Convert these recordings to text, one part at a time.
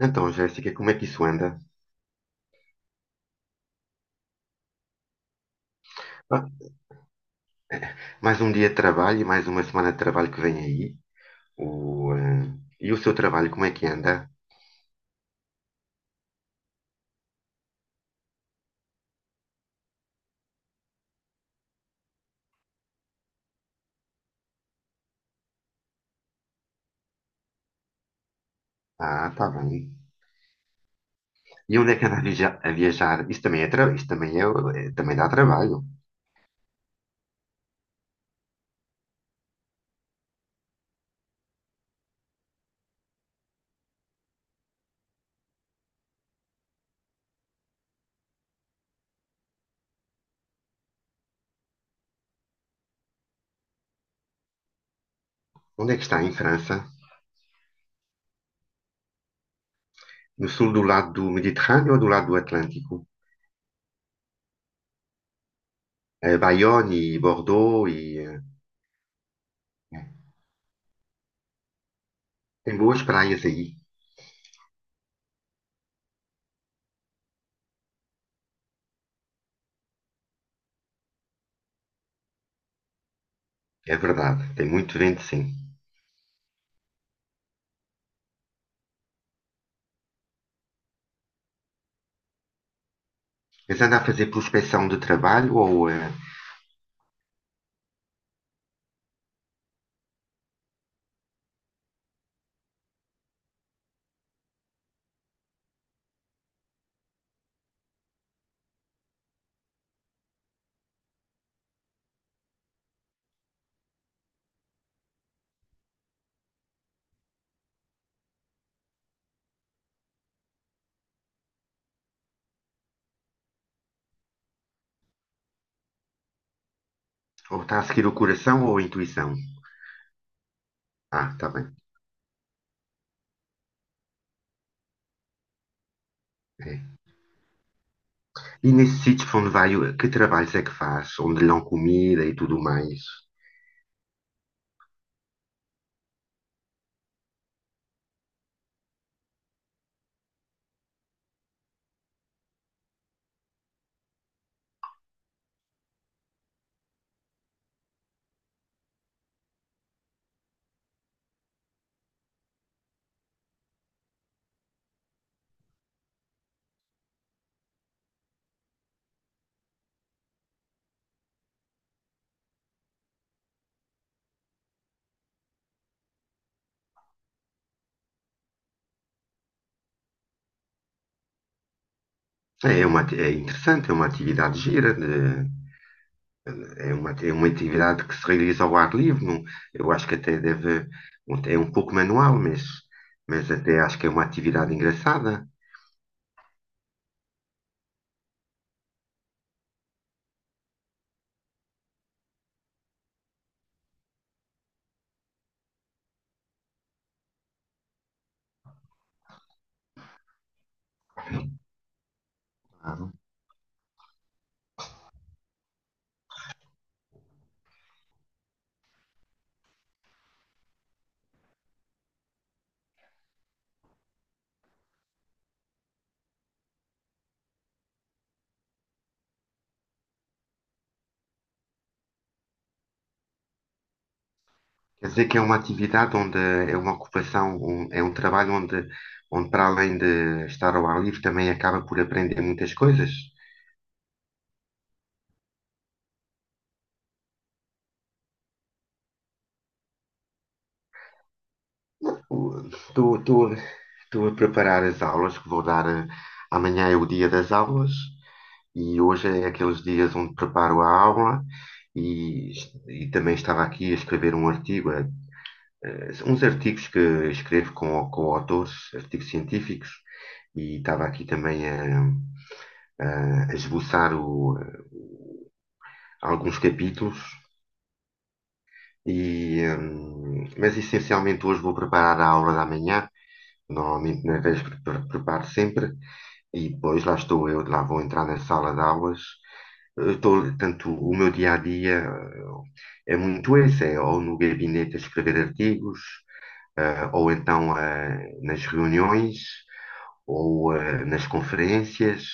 Então, Jéssica, como é que isso anda? Ah, mais um dia de trabalho e mais uma semana de trabalho que vem aí. O, eh, e o seu trabalho, como é que anda? Ah, está bem. E onde é que anda a viajar? Isso também é, isso também é, também dá trabalho. Onde é que está em França? No sul do lado do Mediterrâneo ou do lado do Atlântico? Bayonne e Bordeaux e eh, tem boas praias aí. É verdade, tem muito vento, sim. Mas anda a fazer prospecção de trabalho ou, ou está a seguir o coração ou a intuição? Ah, está bem. É. E nesse sítio para onde vai, que trabalhos é que faz? Onde lhe dão comida e tudo mais? É uma, é interessante, é uma atividade gira, é uma atividade que se realiza ao ar livre. Eu acho que até deve, é um pouco manual, mas até acho que é uma atividade engraçada. Claro. Quer dizer que é uma atividade onde é uma ocupação, é um trabalho onde, onde para além de estar ao ar livre também acaba por aprender muitas coisas. Estou a preparar as aulas que vou dar. Amanhã é o dia das aulas, e hoje é aqueles dias onde preparo a aula, e, e também estava aqui a escrever um artigo, uns artigos que escrevo com autores, artigos científicos, e estava aqui também a, a esboçar alguns capítulos. Mas essencialmente hoje vou preparar a aula da manhã. Normalmente nas 10 preparo sempre, e depois lá estou eu, lá vou entrar na sala de aulas. Eu estou, tanto o meu dia a dia é muito esse, é ou no gabinete a escrever artigos, ou então nas reuniões, ou nas conferências,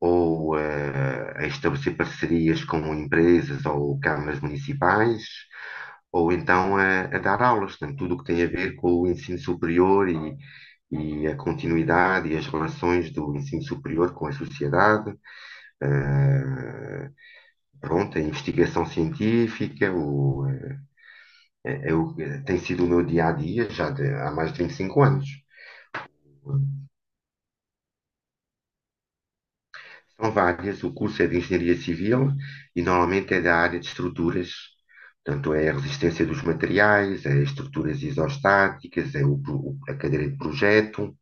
ou a estabelecer parcerias com empresas ou câmaras municipais, ou então a dar aulas, portanto, tudo o que tem a ver com o ensino superior e a continuidade e as relações do ensino superior com a sociedade, eh, pronto, a investigação científica, o, eh, é, é o- tem sido o meu dia a dia já há mais de 25 anos. São várias, o curso é de Engenharia Civil, e normalmente é da área de estruturas, portanto é a resistência dos materiais, é estruturas isostáticas, é o a cadeira de projeto.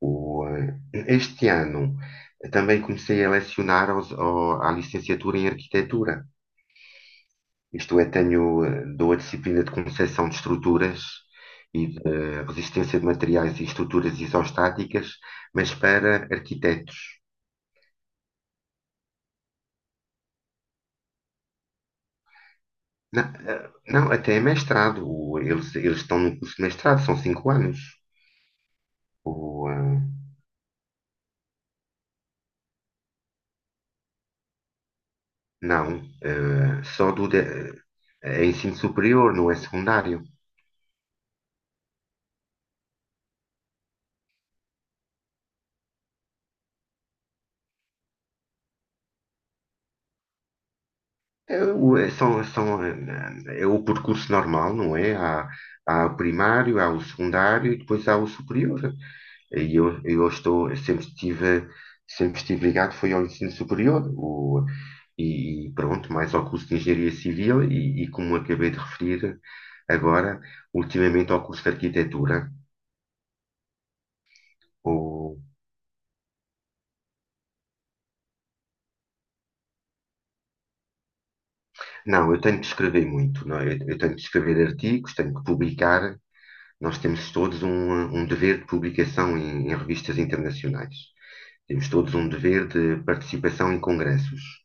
O, eh, Este ano também comecei a lecionar à licenciatura em arquitetura. Isto é, tenho, dou a disciplina de concepção de estruturas e de resistência de materiais e estruturas isostáticas, mas para arquitetos. Não, não, até é mestrado. Eles estão no curso de mestrado, são cinco anos. O, eh, não, só é ensino superior, não é secundário. É, é, são, são, o percurso normal, não é? Há, há o primário, há o secundário, e depois há o superior. E eu estou, eu sempre estive ligado, foi ao ensino superior. E pronto, mais ao curso de Engenharia Civil, e como acabei de referir agora, ultimamente ao curso de Arquitetura. O, não, eu tenho que escrever muito, não é? Eu tenho que escrever artigos, tenho que publicar. Nós temos todos um dever de publicação em revistas internacionais. Temos todos um dever de participação em congressos.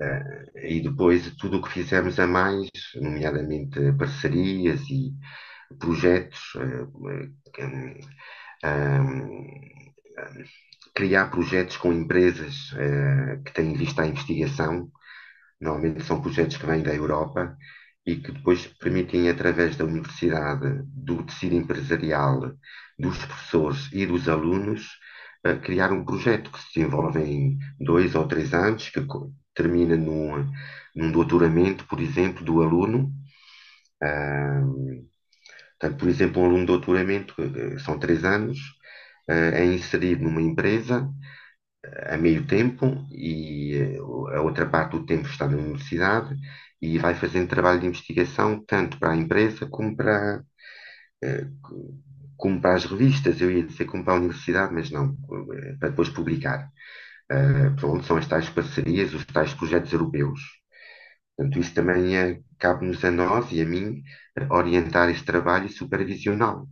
E depois tudo o que fizermos a mais, nomeadamente parcerias e projetos, uh, uh, criar projetos com empresas que têm vista à investigação. Normalmente são projetos que vêm da Europa, e que depois permitem, através da universidade, do tecido empresarial, dos professores e dos alunos, criar um projeto que se desenvolve em dois ou três anos, que termina num doutoramento, por exemplo, do aluno. Portanto, por exemplo, um aluno de doutoramento, são três anos, é inserido numa empresa a meio tempo, e a outra parte do tempo está na universidade, e vai fazendo trabalho de investigação tanto para a empresa como para, eh, como para as revistas, eu ia dizer como para a universidade, mas não, para depois publicar. Ah, pronto, são as tais parcerias, os tais projetos europeus. Portanto, isso também é cabe-nos a nós e a mim orientar este trabalho e supervisioná-lo.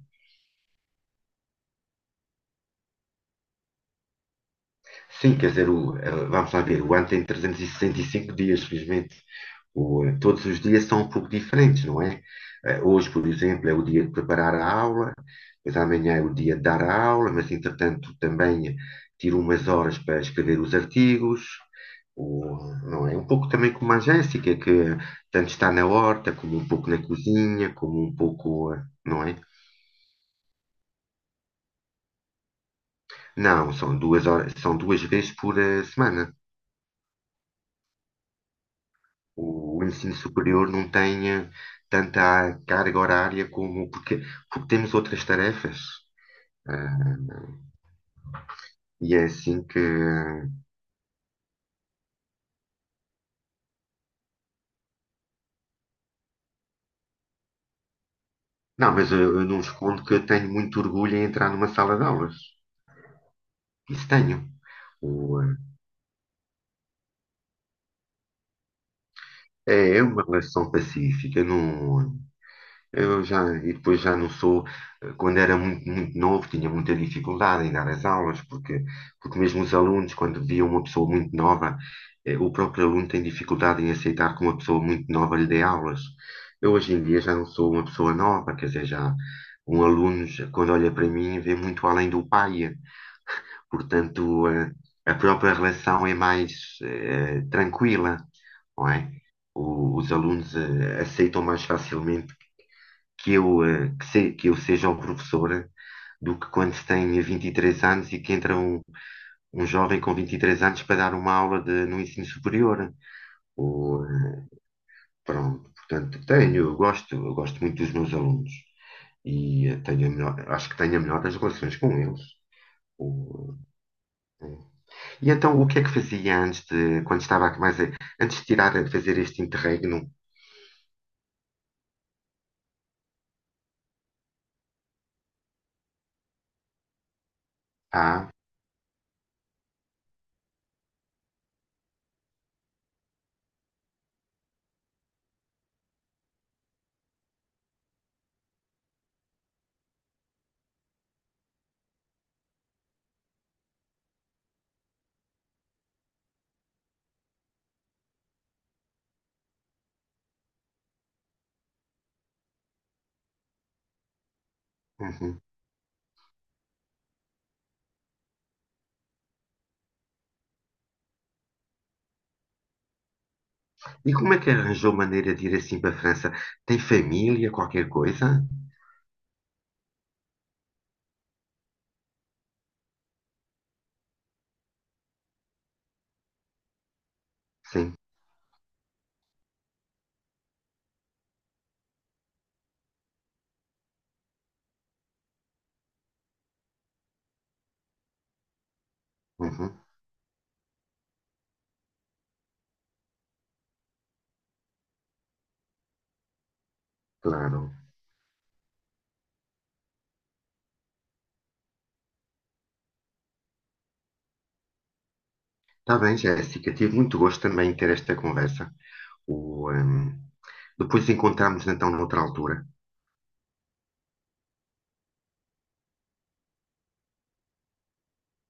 Sim, quer dizer, vamos lá ver, o ano tem 365 dias, felizmente. Todos os dias são um pouco diferentes, não é? Hoje, por exemplo, é o dia de preparar a aula, mas amanhã é o dia de dar a aula, mas entretanto também tiro umas horas para escrever os artigos. O, não é? Um pouco também como a Jéssica, que tanto está na horta, como um pouco na cozinha, como um pouco, não é? Não, são duas horas, são duas vezes por semana. O ensino superior não tem tanta carga horária como porque, porque temos outras tarefas. Ah, e é assim que. Não, mas eu não escondo que eu tenho muito orgulho em entrar numa sala de aulas. Isso tenho. O, É uma relação pacífica, não. Eu já, e depois já não sou, quando era muito, muito novo, tinha muita dificuldade em dar as aulas, porque mesmo os alunos, quando viam uma pessoa muito nova, o próprio aluno tem dificuldade em aceitar que uma pessoa muito nova lhe dê aulas. Eu hoje em dia já não sou uma pessoa nova, quer dizer, já um aluno, quando olha para mim, vê muito além do pai, portanto, a própria relação é mais tranquila, não é? Os alunos aceitam mais facilmente que eu, que, que eu seja um professor do que quando se tem 23 anos e que entra um jovem com 23 anos para dar uma aula no ensino superior. Ou, pronto, portanto, tenho, eu gosto muito dos meus alunos, e tenho a melhor, acho que tenho a melhor das relações com eles. Ou, eh, E então, o que é que fazia antes de, quando estava mais, antes de tirar, a fazer este interregno? Ah, uhum. E como é que arranjou maneira de ir assim para a França? Tem família, qualquer coisa? Sim, uhum, claro. Está bem, Jéssica, tive muito gosto também em ter esta conversa. O, ehm, Depois encontramos então noutra altura.